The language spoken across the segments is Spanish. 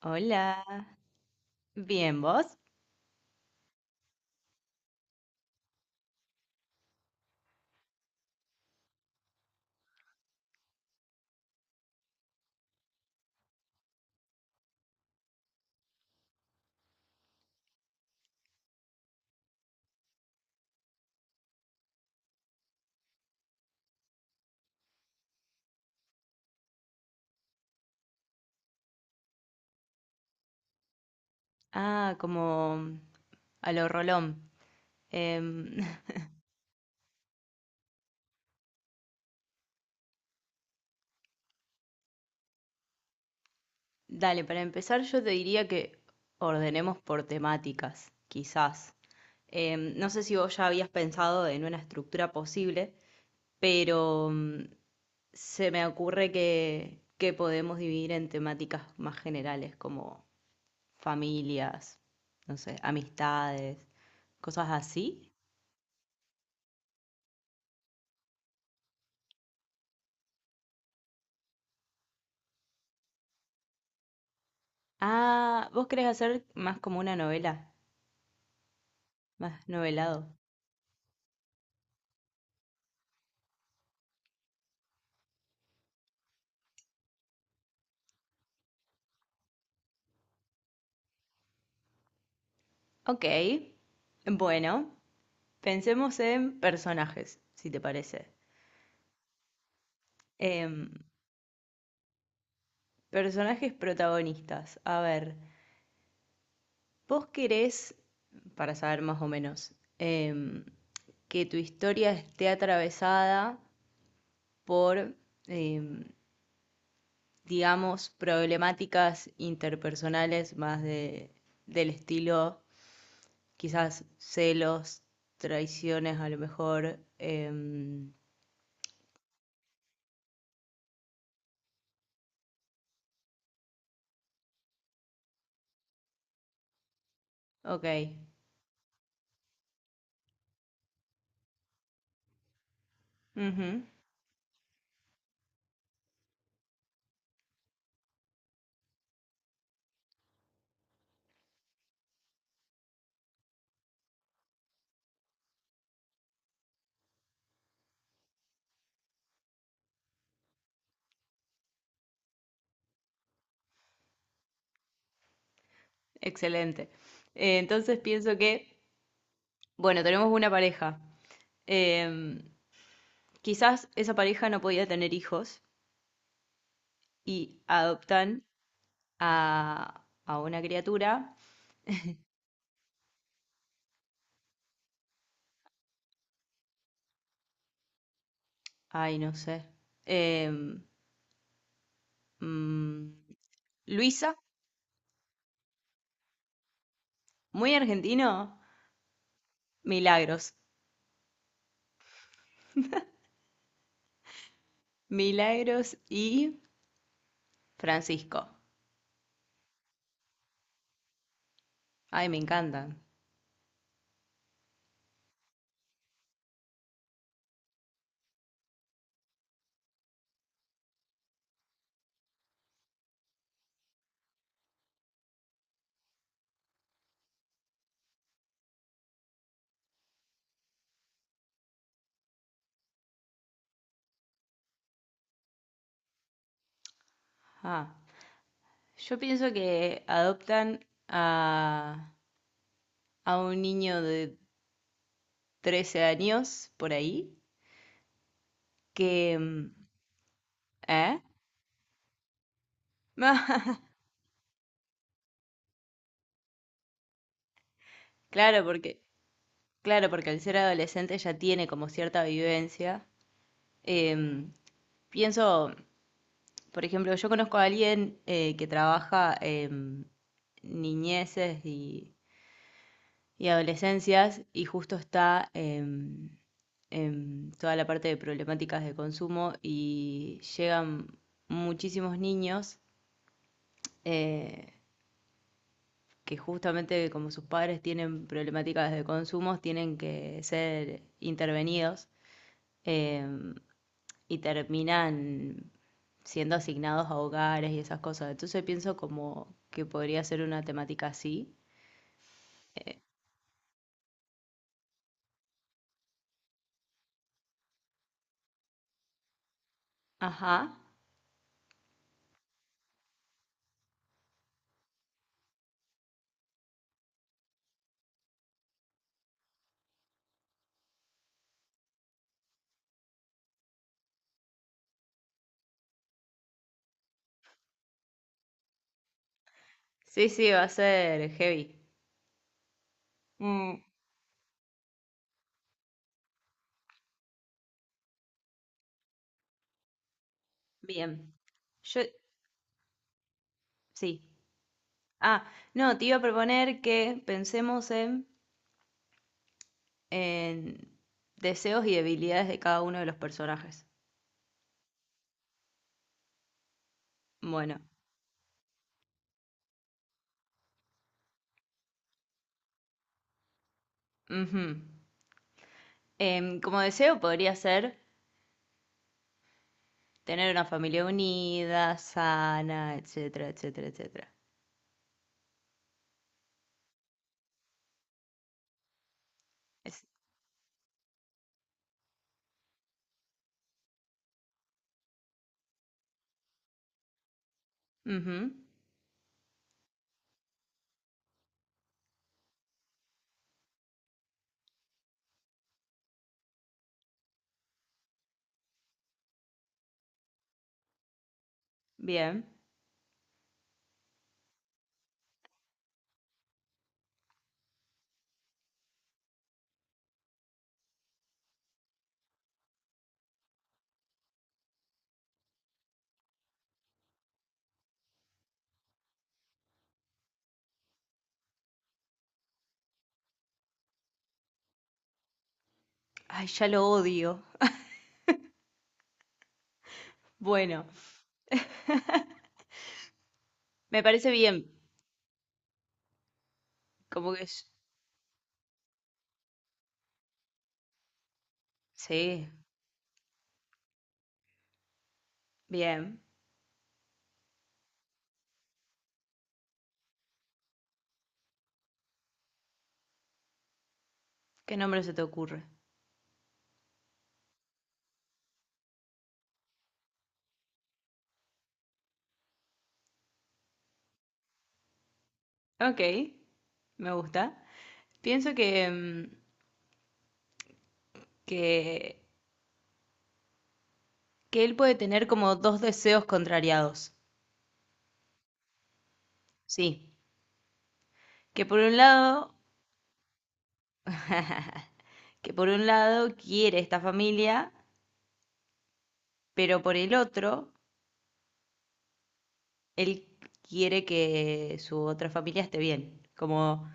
Hola, bien, ¿vos? Ah, como a lo Rolón. Em, dale, para empezar yo te diría que ordenemos por temáticas, quizás. No sé si vos ya habías pensado en una estructura posible, pero se me ocurre que podemos dividir en temáticas más generales, como familias, no sé, amistades, cosas así. Ah, ¿vos querés hacer más como una novela, más novelado? Ok, bueno, pensemos en personajes, si te parece. Em, personajes protagonistas. A ver, vos querés, para saber más o menos, em, que tu historia esté atravesada por, em, digamos, problemáticas interpersonales más del estilo, quizás celos, traiciones a lo mejor. Ok. Ujú. Excelente. Entonces pienso que, bueno, tenemos una pareja. Em, quizás esa pareja no podía tener hijos y adoptan a una criatura. Ay, no sé. Em, mm, Luisa, muy argentino. Milagros. Milagros y Francisco. Ay, me encantan. Ah, yo pienso que adoptan a un niño de 13 años por ahí que... ¿Eh? Claro, porque, claro, porque al ser adolescente ya tiene como cierta vivencia. Em, pienso, por ejemplo, yo conozco a alguien que trabaja en niñeces y adolescencias y justo está en toda la parte de problemáticas de consumo y llegan muchísimos niños. eh, que justamente como sus padres tienen problemáticas de consumos, tienen que ser intervenidos eh, y terminan siendo asignados a hogares y esas cosas. Entonces pienso como que podría ser una temática así. Ajá. Sí, sí, va a ser heavy. Mm, bien. Yo, sí. Ah, no, te iba a proponer que pensemos en deseos y debilidades de cada uno de los personajes. Bueno. Ujú. Como deseo podría ser tener una familia unida, sana, etcétera, etcétera, etcétera. Es- Ujú, bien. Ay, ya lo odio. Bueno, me parece bien. Como que es- Sí, bien. ¿Qué nombre se te ocurre? Ok, me gusta. Pienso que, que él puede tener como dos deseos contrariados. Sí. Que por un lado, que por un lado quiere esta familia, pero por el otro él quiere que su otra familia esté bien. Como,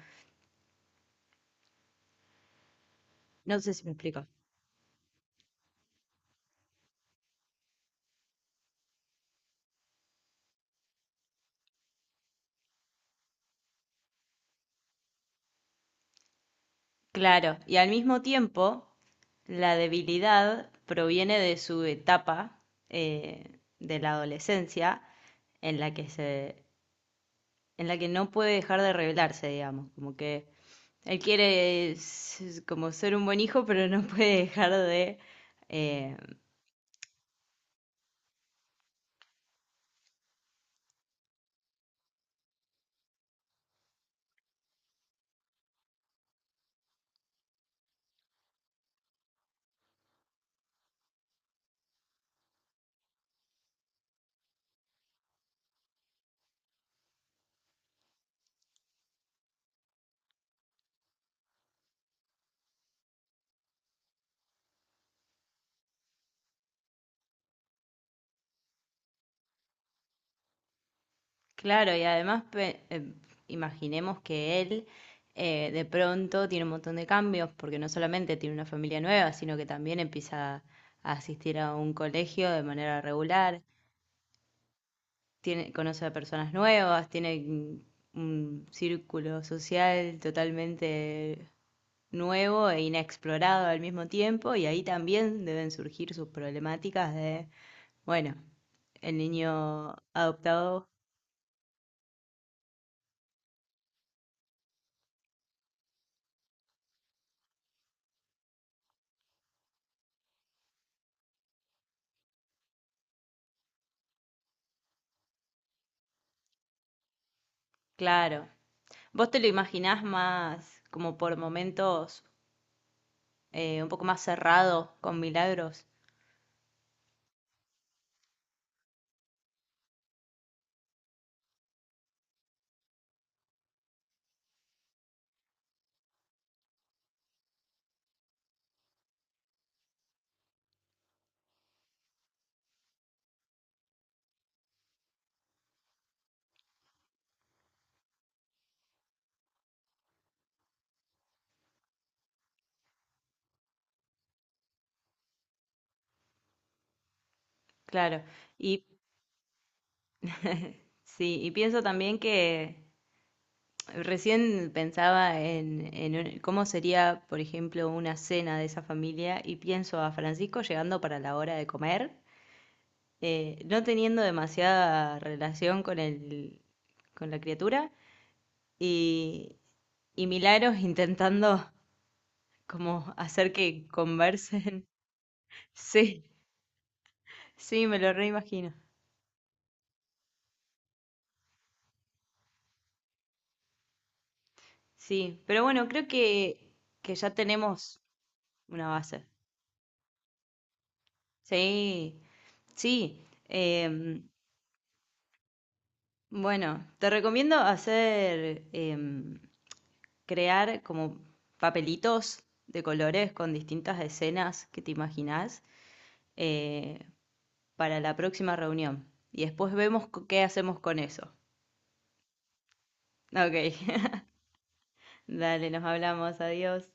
no sé si me explico. Claro. Y al mismo tiempo, la debilidad proviene de su etapa de la adolescencia en la que se, en la que no puede dejar de rebelarse, digamos. Como que él quiere s- como ser un buen hijo, pero no puede dejar de eh, claro, y además pe- imaginemos que él de pronto tiene un montón de cambios, porque no solamente tiene una familia nueva, sino que también empieza a asistir a un colegio de manera regular, conoce a personas nuevas, tiene un círculo social totalmente nuevo e inexplorado al mismo tiempo, y ahí también deben surgir sus problemáticas de, bueno, el niño adoptado, claro. ¿Vos te lo imaginás más, como por momentos, un poco más cerrado con Milagros? Claro. Y sí, y pienso también que recién pensaba en un- cómo sería, por ejemplo, una cena de esa familia y pienso a Francisco llegando para la hora de comer, no teniendo demasiada relación con el, con la criatura y, y Milagros intentando como hacer que conversen. Sí. Sí, me lo reimagino. Sí, pero bueno, creo que ya tenemos una base. Sí, sí. em, bueno, te recomiendo hacer, crear como papelitos de colores con distintas escenas que te imaginás eh, para la próxima reunión. Y después vemos co- qué hacemos con eso. Ok, dale, nos hablamos, adiós.